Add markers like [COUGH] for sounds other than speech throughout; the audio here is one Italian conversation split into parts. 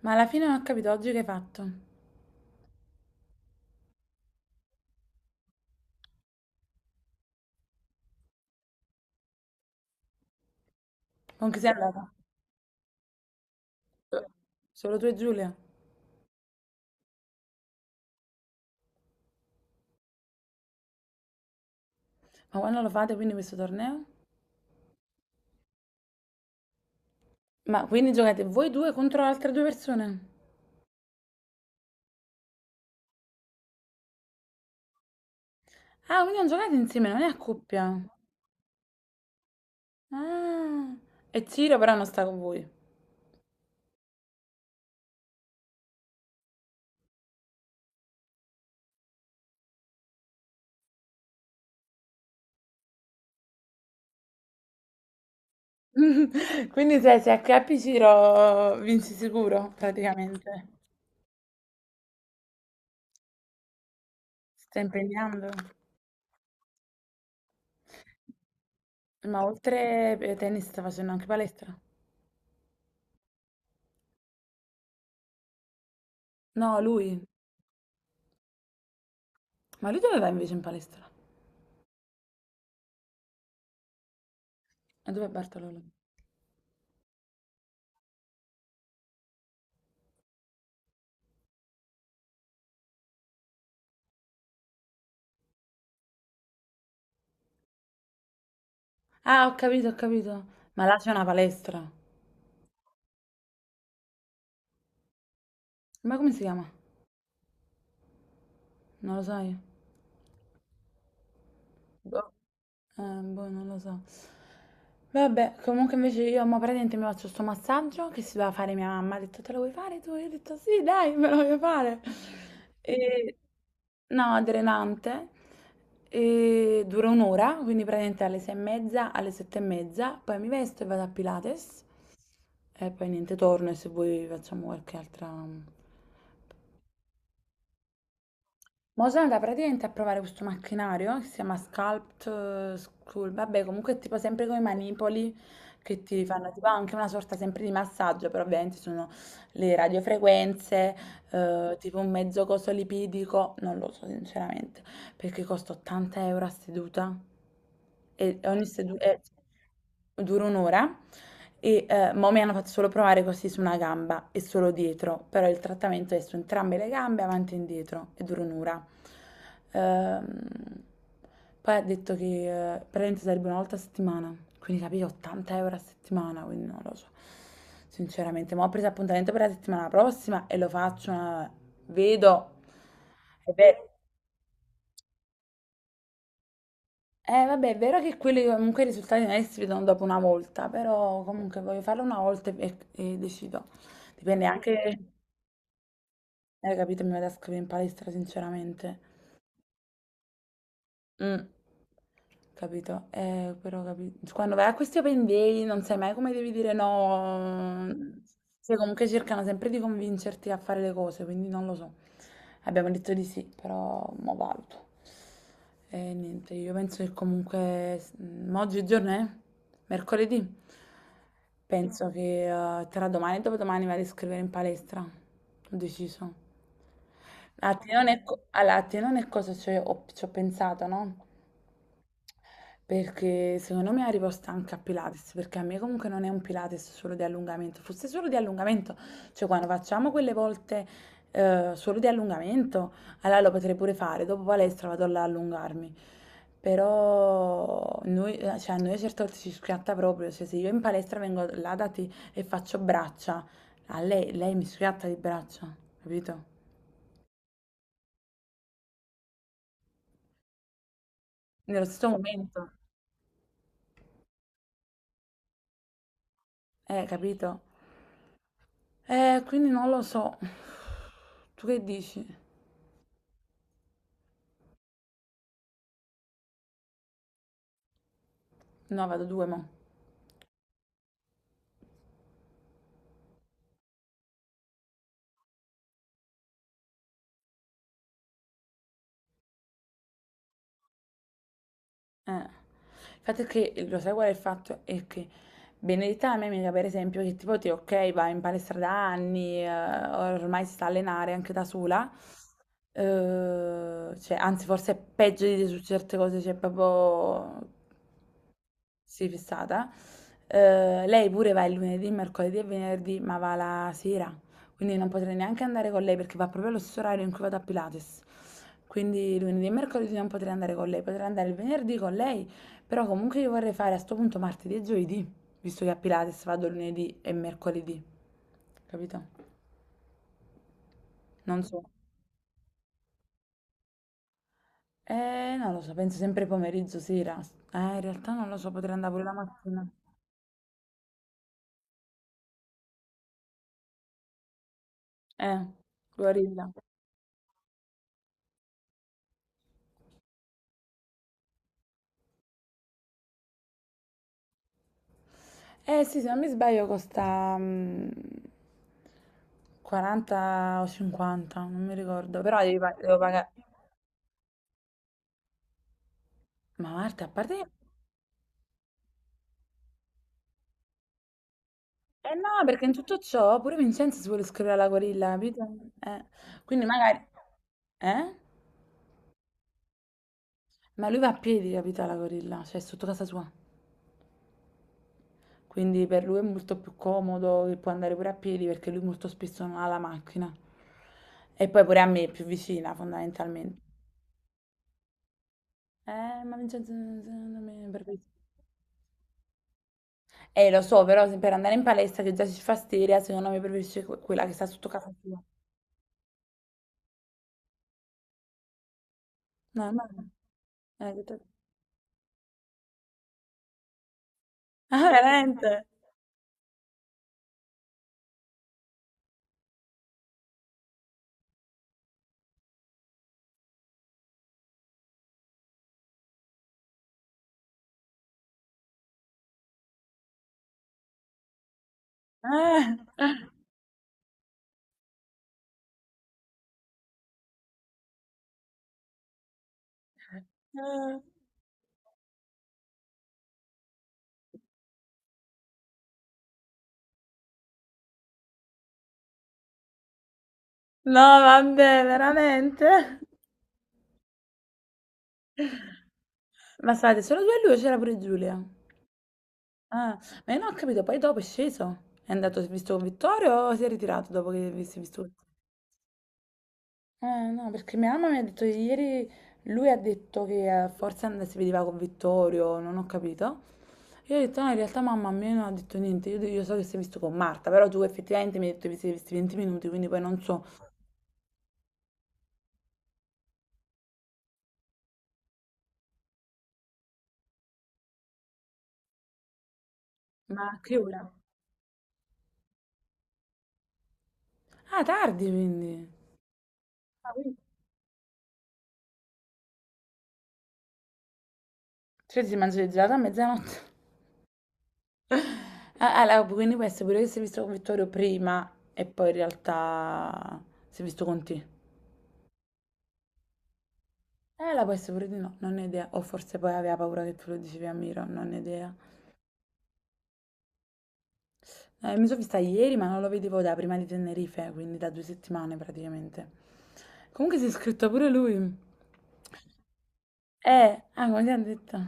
Ma alla fine non ho capito oggi che hai fatto. Con chi sei andata? Solo tu e Giulia. Ma quando lo fate quindi questo torneo? Ma quindi giocate voi due contro altre due persone? Ah, quindi non giocate insieme, non è a coppia. Ah. E Ciro però non sta con voi. [LAUGHS] Quindi se acchiappi Ciro vinci sicuro, praticamente. Si sta impegnando. Ma oltre tennis sta facendo anche palestra. No, lui. Ma lui dove va invece in palestra? E dove è Bartololo? Ah, ho capito, ho capito. Ma là c'è una palestra. Ma come si chiama? Non lo sai? Boh. Boh, non lo so. Vabbè, comunque invece io mo praticamente mi faccio sto massaggio che si doveva fare mia mamma. Ha detto, te lo vuoi fare tu? Io ho detto, sì, dai, me lo voglio fare. E... No, drenante. E dura un'ora, quindi praticamente alle 6:30, alle 7:30. Poi mi vesto e vado a Pilates. E poi niente, torno e se vuoi facciamo qualche altra... Ma sono andata praticamente a provare questo macchinario che si chiama Sculpt School, vabbè comunque è tipo sempre con i manipoli che ti fanno tipo anche una sorta sempre di massaggio, però ovviamente sono le radiofrequenze, tipo un mezzo coso lipidico, non lo so sinceramente, perché costa 80 euro a seduta e ogni seduta dura un'ora. E mo mi hanno fatto solo provare così su una gamba e solo dietro, però il trattamento è su entrambe le gambe, avanti e indietro, e dura un'ora. Ehm, Poi ha detto che praticamente sarebbe una volta a settimana, quindi capito, 80 euro a settimana, quindi non lo so. Sinceramente, ma ho preso appuntamento per la settimana prossima e lo faccio, ma vedo. È vero. Vabbè, è vero che quelli comunque i risultati non è che si vedono dopo una volta, però comunque voglio farlo una volta e decido. Dipende anche, capito, mi vado a scrivere in palestra, sinceramente. Mm, capito? Quando vai a questi open day non sai mai come devi dire no. Cioè, comunque cercano sempre di convincerti a fare le cose, quindi non lo so. Abbiamo detto di sì, però mo valuto. E niente, io penso che comunque ma oggi che giorno è? Mercoledì. Penso che tra domani e dopodomani vado a scrivere in palestra. Ho deciso. Allora, a te non è cosa ci ho pensato, no? Perché secondo me arrivo stanca a Pilates, perché a me comunque non è un Pilates solo di allungamento, fosse solo di allungamento, cioè quando facciamo quelle volte solo di allungamento, allora lo potrei pure fare, dopo palestra vado là a allungarmi, però noi, cioè, a noi a certe volte ci schiatta proprio, cioè se io in palestra vengo là da te e faccio braccia, a lei, lei mi schiatta di braccia, capito? Nello stesso momento, capito? Quindi non lo so, tu che dici? No, vado due, mo. Il fatto è che, lo sai qual è il fatto? È che Benedetta, la mia amica, per esempio, che tipo te, ok, va in palestra da anni, ormai si sta a allenare anche da sola, cioè, anzi forse è peggio di te su certe cose, cioè proprio Sì, fissata. Lei pure va il lunedì, mercoledì e venerdì, ma va la sera. Quindi non potrei neanche andare con lei perché va proprio allo stesso orario in cui vado a Pilates. Quindi lunedì e mercoledì non potrei andare con lei, potrei andare il venerdì con lei, però comunque io vorrei fare a sto punto martedì e giovedì, visto che a Pilates vado lunedì e mercoledì, capito? Non so. Non lo so, penso sempre pomeriggio, sera. In realtà non lo so, potrei andare pure la mattina. Eh, Guarilla. Eh sì, se non mi sbaglio costa 40 o 50, non mi ricordo, però devo pagare. Ma Marta, a parte... che- Eh no, perché in tutto ciò pure Vincenzo si vuole iscrivere alla gorilla, capito? Eh, quindi magari... Eh? Ma lui va a piedi, capito, alla gorilla, cioè sotto casa sua. Quindi per lui è molto più comodo che può andare pure a piedi perché lui molto spesso non ha la macchina. E poi pure a me è più vicina, fondamentalmente. Ma Vincenzo non me Lo so, però se per andare in palestra che già si fa steria, secondo me preferisci quella che sta sotto casa tua. No, no, no. Che te- [LAUGHS] Ah, veramente? Eh. Eh. No, vabbè, veramente? Ma state solo due e lui o c'era pure Giulia? Ah, ma io non ho capito, poi dopo è sceso? È andato, si è visto con Vittorio o si è ritirato dopo che si è visto? No, perché mia mamma mi ha detto che ieri, lui ha detto che si vedeva con Vittorio, non ho capito. Io ho detto, no, in realtà mamma a me non ha detto niente, io so che si è visto con Marta, però tu effettivamente mi hai detto che vi siete visti 20 minuti, quindi poi non so. Ma a che ora? Ah, tardi quindi. Ah, quindi- Cioè si mangia il gelato a mezzanotte. [LAUGHS] Ah, allora, quindi può essere pure che si è visto con Vittorio prima e poi in realtà si è visto con te. La può essere pure di no, non ne ho idea. O forse poi aveva paura che tu lo dicevi a Miro, non ne ho idea. Mi sono vista ieri, ma non lo vedevo da prima di Tenerife, quindi da 2 settimane praticamente. Comunque si è iscritto pure lui. Ah, come ti hanno detto?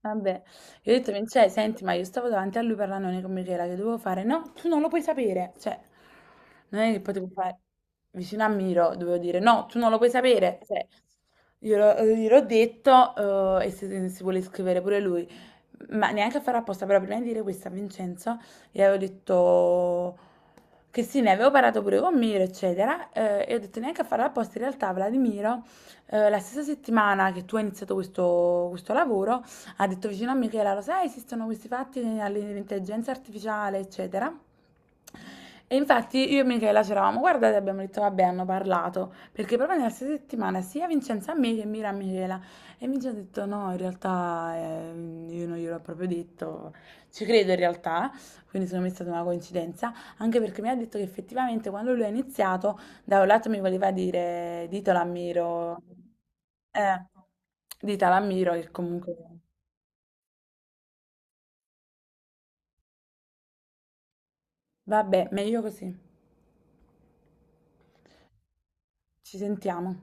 Vabbè, gli ho detto: "Vincenzo, senti, ma io stavo davanti a lui parlandone con Michela, che dovevo fare?" "No, tu non lo puoi sapere." Cioè, non è che potevo fare vicino a Miro, dovevo dire: "No, tu non lo puoi sapere." Cioè, gliel'ho detto, e se si vuole scrivere pure lui. Ma neanche a fare apposta, però prima di dire questo a Vincenzo, gli avevo detto che sì, ne avevo parlato pure con Miro, eccetera, e ho detto: "Neanche a farlo apposta, in realtà" alla di Miro, la stessa settimana che tu hai iniziato questo lavoro, ha detto vicino a Michela, lo sai, esistono questi fatti all'intelligenza artificiale, eccetera. E infatti io e Michela c'eravamo guardate e abbiamo detto vabbè hanno parlato perché proprio nella stessa settimana sia Vincenzo a me che Mira a Michela e Vincenzo ha detto no in realtà io non gliel'ho proprio detto ci credo in realtà quindi secondo me è stata una coincidenza anche perché mi ha detto che effettivamente quando lui ha iniziato da un lato mi voleva dire eh, ditelo a Miro che comunque Vabbè, meglio così. Ci sentiamo.